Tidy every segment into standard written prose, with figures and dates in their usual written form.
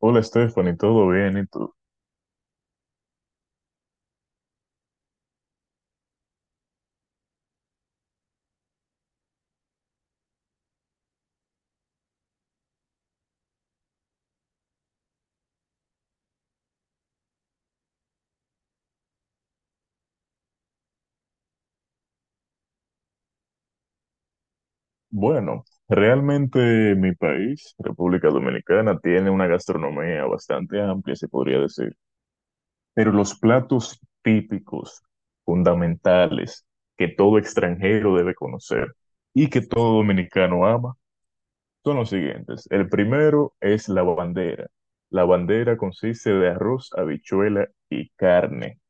Hola Stephanie, ¿todo bien? ¿Y tú? Bueno, realmente mi país, República Dominicana, tiene una gastronomía bastante amplia, se podría decir, pero los platos típicos, fundamentales, que todo extranjero debe conocer y que todo dominicano ama, son los siguientes. El primero es la bandera. La bandera consiste de arroz, habichuela y carne.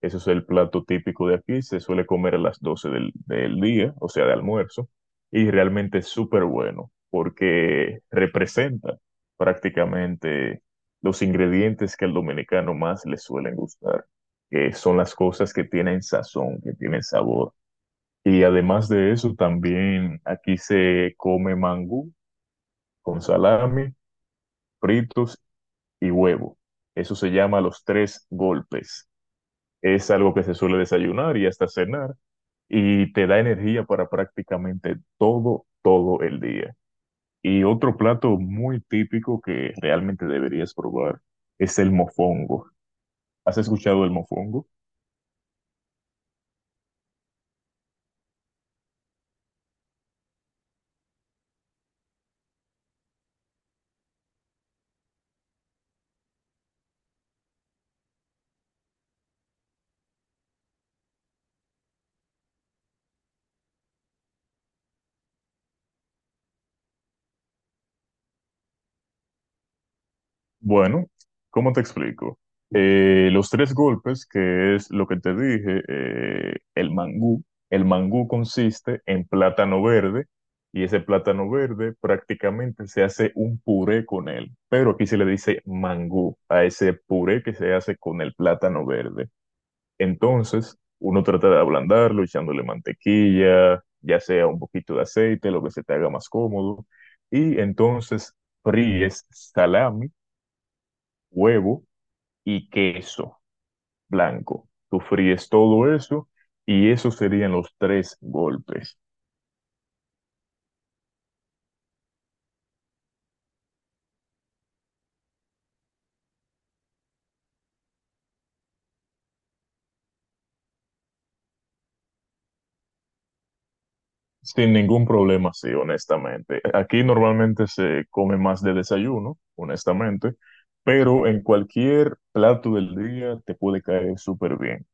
Eso es el plato típico de aquí, se suele comer a las 12 del día, o sea, de almuerzo, y realmente es súper bueno porque representa prácticamente los ingredientes que al dominicano más le suelen gustar, que son las cosas que tienen sazón, que tienen sabor. Y además de eso, también aquí se come mangú con salami, fritos y huevo. Eso se llama los tres golpes. Es algo que se suele desayunar y hasta cenar y te da energía para prácticamente todo el día. Y otro plato muy típico que realmente deberías probar es el mofongo. ¿Has escuchado el mofongo? Bueno, ¿cómo te explico? Los tres golpes, que es lo que te dije, el mangú. El mangú consiste en plátano verde y ese plátano verde prácticamente se hace un puré con él, pero aquí se le dice mangú a ese puré que se hace con el plátano verde. Entonces, uno trata de ablandarlo echándole mantequilla, ya sea un poquito de aceite, lo que se te haga más cómodo, y entonces fríes salami, huevo y queso blanco. Tú fríes todo eso y esos serían los tres golpes. Sin ningún problema, sí, honestamente. Aquí normalmente se come más de desayuno, honestamente, pero en cualquier plato del día te puede caer súper bien.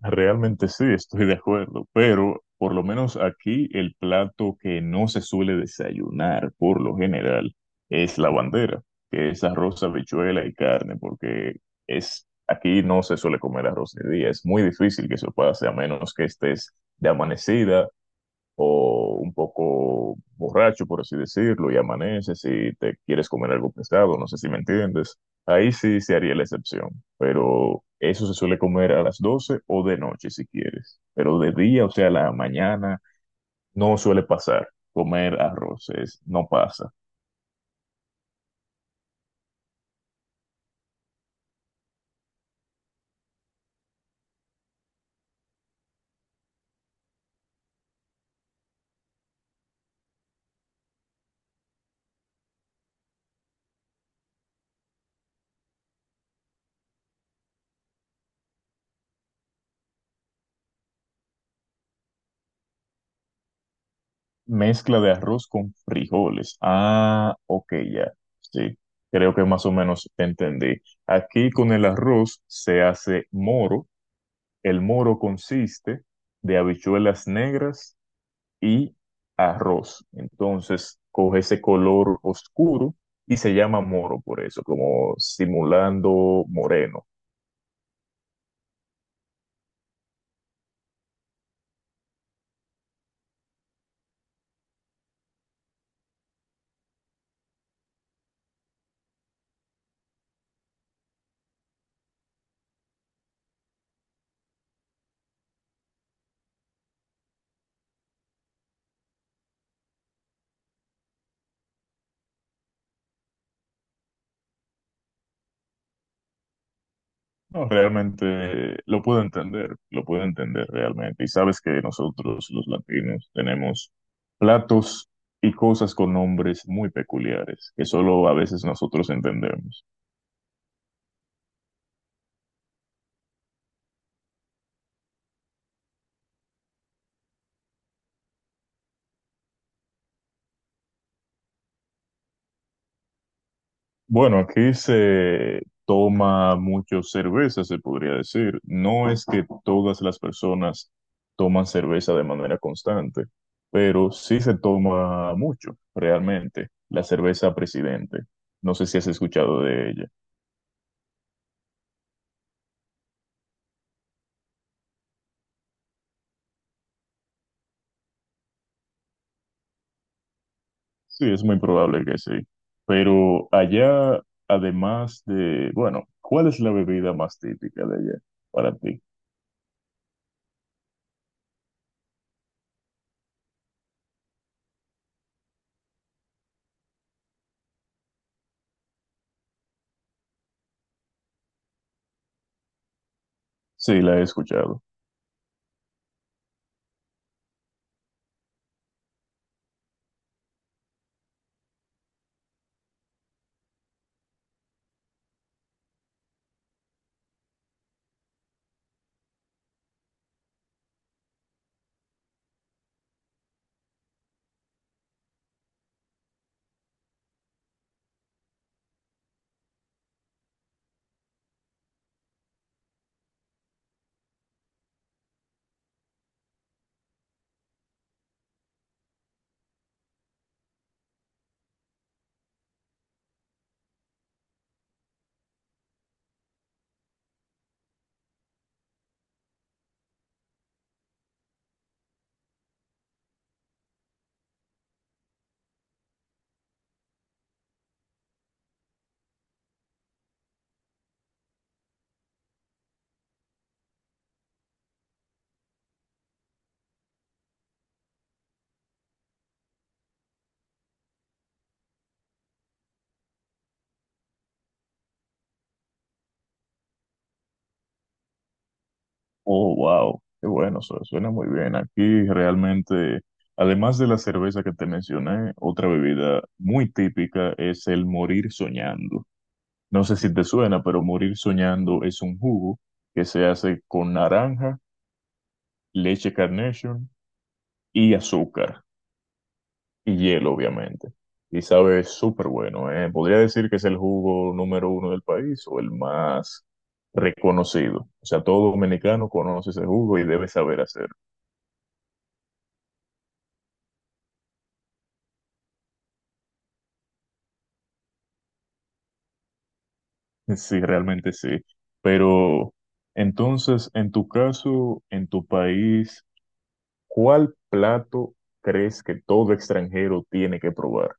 Realmente sí, estoy de acuerdo, pero por lo menos aquí el plato que no se suele desayunar por lo general es la bandera, que es arroz, habichuela y carne, porque es aquí no se suele comer arroz de día, es muy difícil que se pueda hacer a menos que estés de amanecida o un poco borracho, por así decirlo, y amaneces y te quieres comer algo pesado, no sé si me entiendes, ahí sí se haría la excepción, pero eso se suele comer a las 12 o de noche si quieres, pero de día, o sea, la mañana, no suele pasar, comer arroz es- no pasa. Mezcla de arroz con frijoles. Ah, ok, ya, sí, creo que más o menos entendí. Aquí con el arroz se hace moro. El moro consiste de habichuelas negras y arroz. Entonces coge ese color oscuro y se llama moro por eso, como simulando moreno. No, realmente lo puedo entender realmente. Y sabes que nosotros los latinos tenemos platos y cosas con nombres muy peculiares que solo a veces nosotros entendemos. Bueno, aquí se toma mucho cerveza, se podría decir. No es que todas las personas toman cerveza de manera constante, pero sí se toma mucho, realmente, la cerveza Presidente. No sé si has escuchado de ella. Sí, es muy probable que sí. Pero allá, además de, bueno, ¿cuál es la bebida más típica de allá para ti? Sí, la he escuchado. Oh, wow, qué bueno, su- suena muy bien. Aquí realmente, además de la cerveza que te mencioné, otra bebida muy típica es el morir soñando. No sé si te suena, pero morir soñando es un jugo que se hace con naranja, leche Carnation y azúcar y hielo, obviamente. Y sabe súper bueno, ¿eh? Podría decir que es el jugo número 1 del país o el más reconocido. O sea, todo dominicano conoce ese jugo y debe saber hacerlo. Sí, realmente sí. Pero entonces, en tu caso, en tu país, ¿cuál plato crees que todo extranjero tiene que probar?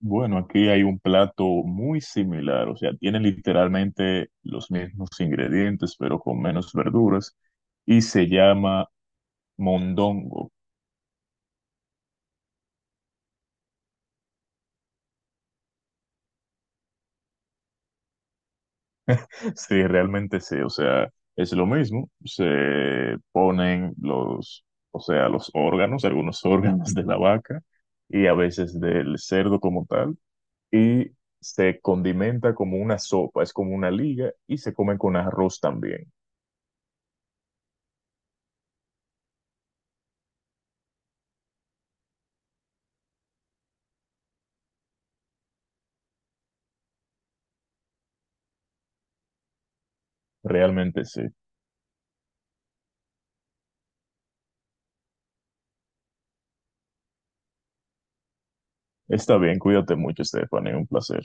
Bueno, aquí hay un plato muy similar, o sea, tiene literalmente los mismos ingredientes, pero con menos verduras, y se llama mondongo. Sí, realmente sí, o sea, es lo mismo, se ponen los, o sea, los órganos, algunos órganos de la vaca y a veces del cerdo como tal, y se condimenta como una sopa, es como una liga y se come con arroz también, realmente sí. Está bien, cuídate mucho, Stephanie, un placer.